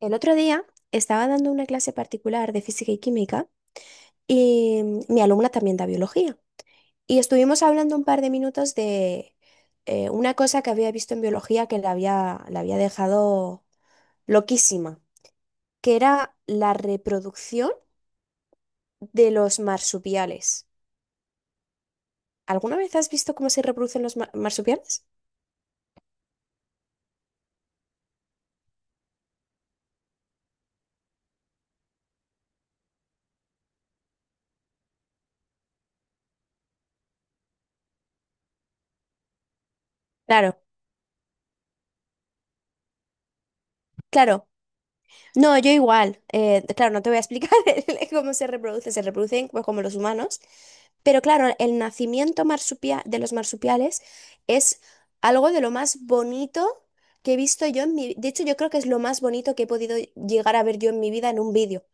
El otro día estaba dando una clase particular de física y química y mi alumna también da biología. Y estuvimos hablando un par de minutos de una cosa que había visto en biología que la había dejado loquísima, que era la reproducción de los marsupiales. ¿Alguna vez has visto cómo se reproducen los marsupiales? Claro, claro. No, yo igual. Claro, no te voy a explicar cómo se reproduce. Se reproducen pues, como los humanos. Pero claro, el nacimiento de los marsupiales es algo de lo más bonito que he visto yo en mi. De hecho, yo creo que es lo más bonito que he podido llegar a ver yo en mi vida en un vídeo.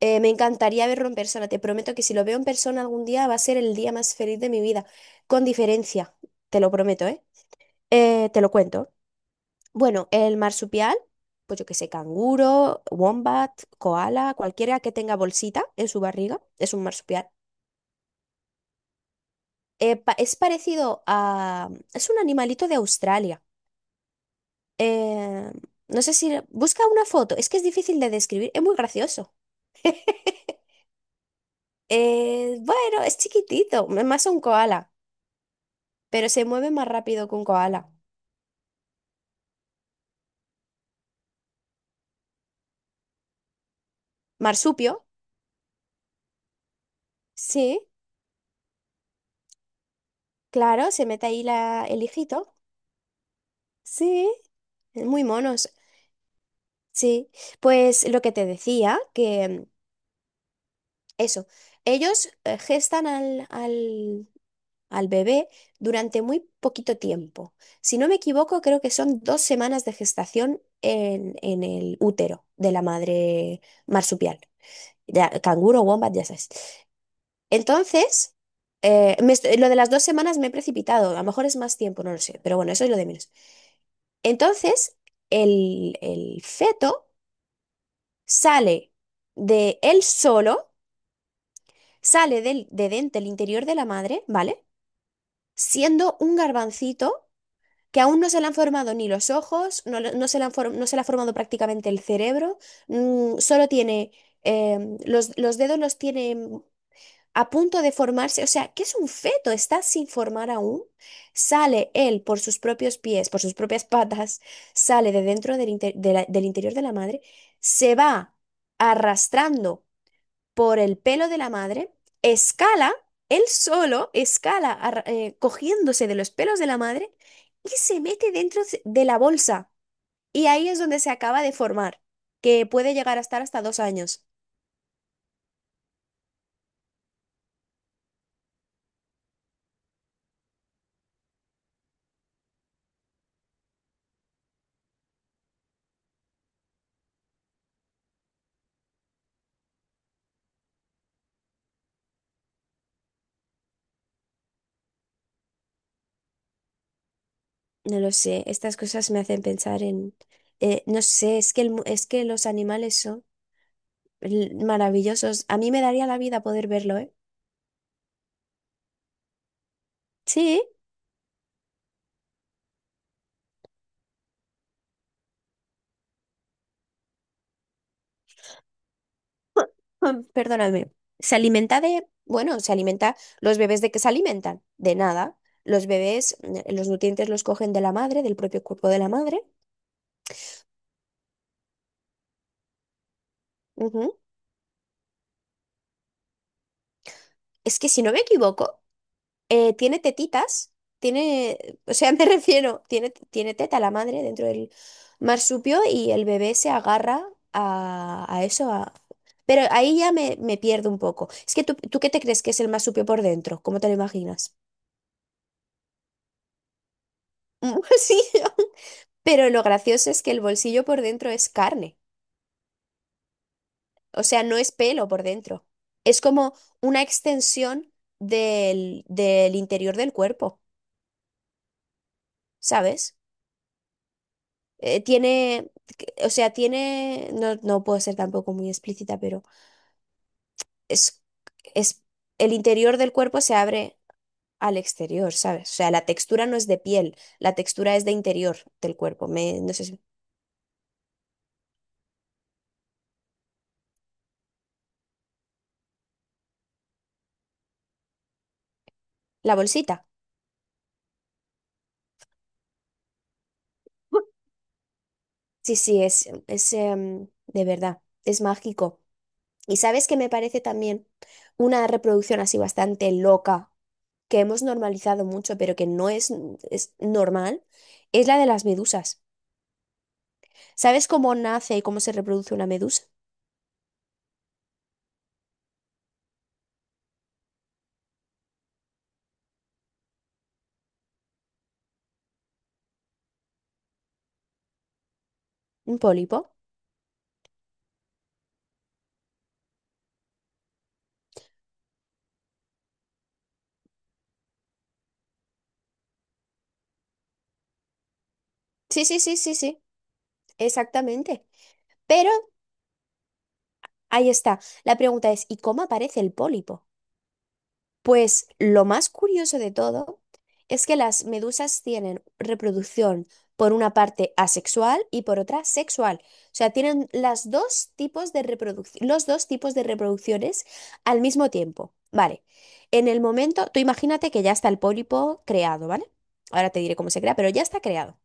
Me encantaría verlo en persona. Te prometo que si lo veo en persona algún día va a ser el día más feliz de mi vida. Con diferencia. Te lo prometo, ¿eh? Te lo cuento. Bueno, el marsupial, pues yo que sé, canguro, wombat, koala, cualquiera que tenga bolsita en su barriga, es un marsupial. Es parecido a. Es un animalito de Australia. Eh, no sé si. Busca una foto, es que es difícil de describir, es muy gracioso. Bueno, es chiquitito, es más un koala, pero se mueve más rápido que un koala. Marsupio, sí, claro, se mete ahí el hijito. Sí, es muy mono. Sí, pues lo que te decía, que eso, ellos gestan al bebé durante muy poquito tiempo. Si no me equivoco, creo que son 2 semanas de gestación en el útero de la madre marsupial, ya, canguro, wombat, ya sabes. Entonces, lo de las 2 semanas me he precipitado, a lo mejor es más tiempo, no lo sé, pero bueno, eso es lo de menos. Entonces, el feto sale de él solo. Sale del, de dentro el interior de la madre, ¿vale? Siendo un garbancito que aún no se le han formado ni los ojos, no, le- no se le han for- no se le ha formado prácticamente el cerebro, solo tiene, los dedos los tiene a punto de formarse, o sea, que es un feto, está sin formar aún. Sale él por sus propios pies, por sus propias patas, sale de dentro del interior de la madre, se va arrastrando por el pelo de la madre, escala, él solo escala cogiéndose de los pelos de la madre y se mete dentro de la bolsa. Y ahí es donde se acaba de formar, que puede llegar a estar hasta 2 años. No lo sé, estas cosas me hacen pensar en. No sé, es que, es que los animales son maravillosos. A mí me daría la vida poder verlo, ¿eh? Sí. Perdóname. Bueno, los bebés, ¿de qué se alimentan? De nada. Los bebés, los nutrientes los cogen de la madre, del propio cuerpo de la madre. Ujú. Es que si no me equivoco, tiene tetitas, tiene, o sea, me refiero, tiene teta la madre dentro del marsupio y el bebé se agarra a eso, a- Pero ahí ya me pierdo un poco. Es que tú, ¿tú qué te crees que es el marsupio por dentro? ¿Cómo te lo imaginas? Sí, pero lo gracioso es que el bolsillo por dentro es carne, o sea, no es pelo por dentro. Es como una extensión del, del interior del cuerpo, ¿sabes? Tiene, o sea, tiene, no, no puedo ser tampoco muy explícita, pero es, es, el interior del cuerpo se abre al exterior, ¿sabes? O sea, la textura no es de piel, la textura es de interior del cuerpo. No sé la bolsita. Sí, sí, de verdad, es mágico. Y sabes que me parece también una reproducción así bastante loca, que hemos normalizado mucho, pero que no es normal, es la de las medusas. ¿Sabes cómo nace y cómo se reproduce una medusa? ¿Un pólipo? Sí, sí, sí, sí, sí, exactamente. Pero ahí está. La pregunta es, ¿y cómo aparece el pólipo? Pues lo más curioso de todo es que las medusas tienen reproducción por una parte asexual y por otra sexual. O sea, tienen las dos tipos de reproducción, los dos tipos de reproducciones al mismo tiempo. Vale. En el momento, tú imagínate que ya está el pólipo creado, ¿vale? Ahora te diré cómo se crea, pero ya está creado.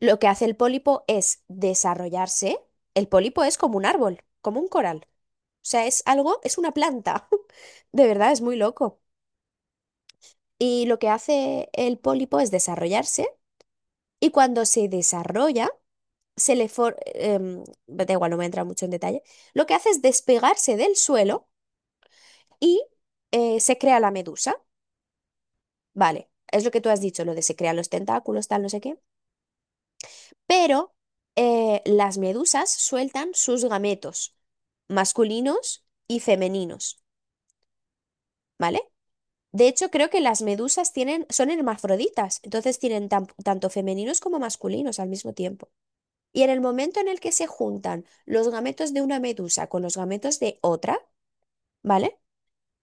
Lo que hace el pólipo es desarrollarse. El pólipo es como un árbol, como un coral. O sea, es algo, es una planta. De verdad, es muy loco. Y lo que hace el pólipo es desarrollarse y cuando se desarrolla, se le for- em, da igual, no voy a entrar mucho en detalle, lo que hace es despegarse del suelo y se crea la medusa. Vale, es lo que tú has dicho, lo de se crean los tentáculos, tal, no sé qué. Pero las medusas sueltan sus gametos masculinos y femeninos, ¿vale? De hecho, creo que las medusas tienen, son hermafroditas, entonces tienen tanto femeninos como masculinos al mismo tiempo. Y en el momento en el que se juntan los gametos de una medusa con los gametos de otra, ¿vale?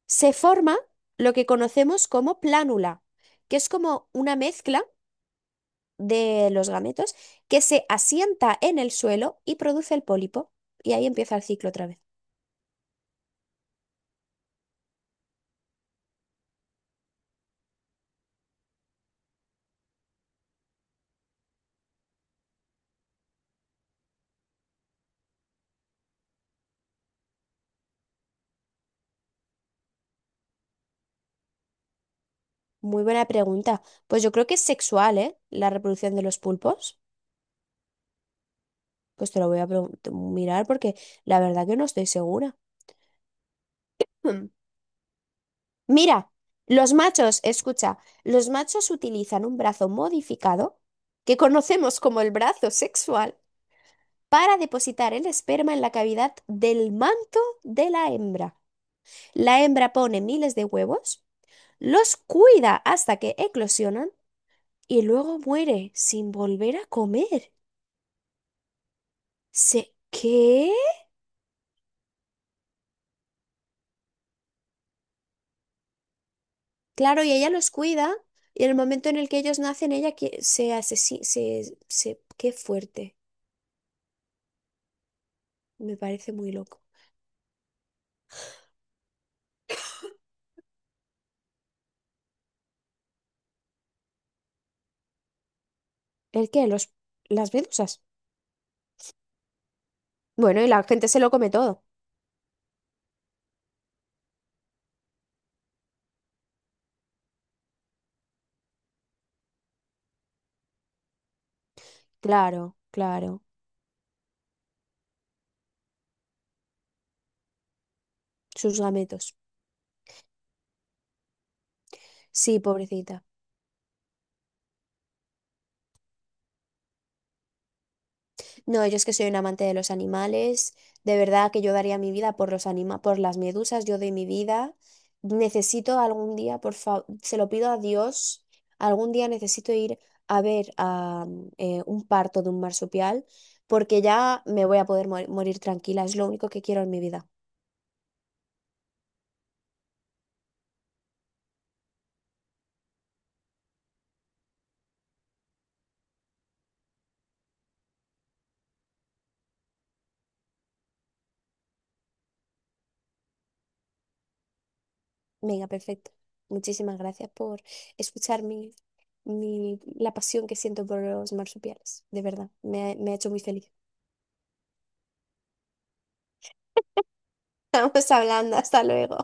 Se forma lo que conocemos como plánula, que es como una mezcla de los gametos que se asienta en el suelo y produce el pólipo. Y ahí empieza el ciclo otra vez. Muy buena pregunta. Pues yo creo que es sexual, ¿eh? La reproducción de los pulpos. Pues te lo voy a mirar porque la verdad que no estoy segura. Hmm. Mira, los machos, escucha, los machos utilizan un brazo modificado, que conocemos como el brazo sexual, para depositar el esperma en la cavidad del manto de la hembra. La hembra pone miles de huevos, los cuida hasta que eclosionan y luego muere sin volver a comer. ¿Se qué? Claro, y ella los cuida y en el momento en el que ellos nacen, ella se asesina, se. Qué fuerte, me parece muy loco. ¿El qué? Los, las medusas. Bueno, y la gente se lo come todo. Claro, claro. Sus gametos. Sí, pobrecita. No, yo es que soy un amante de los animales. De verdad que yo daría mi vida por por las medusas. Yo doy mi vida. Necesito algún día, por favor, se lo pido a Dios. Algún día necesito ir a ver a un parto de un marsupial, porque ya me voy a poder morir tranquila. Es lo único que quiero en mi vida. Venga, perfecto. Muchísimas gracias por escuchar la pasión que siento por los marsupiales. De verdad, me ha hecho muy feliz. Estamos hablando, hasta luego.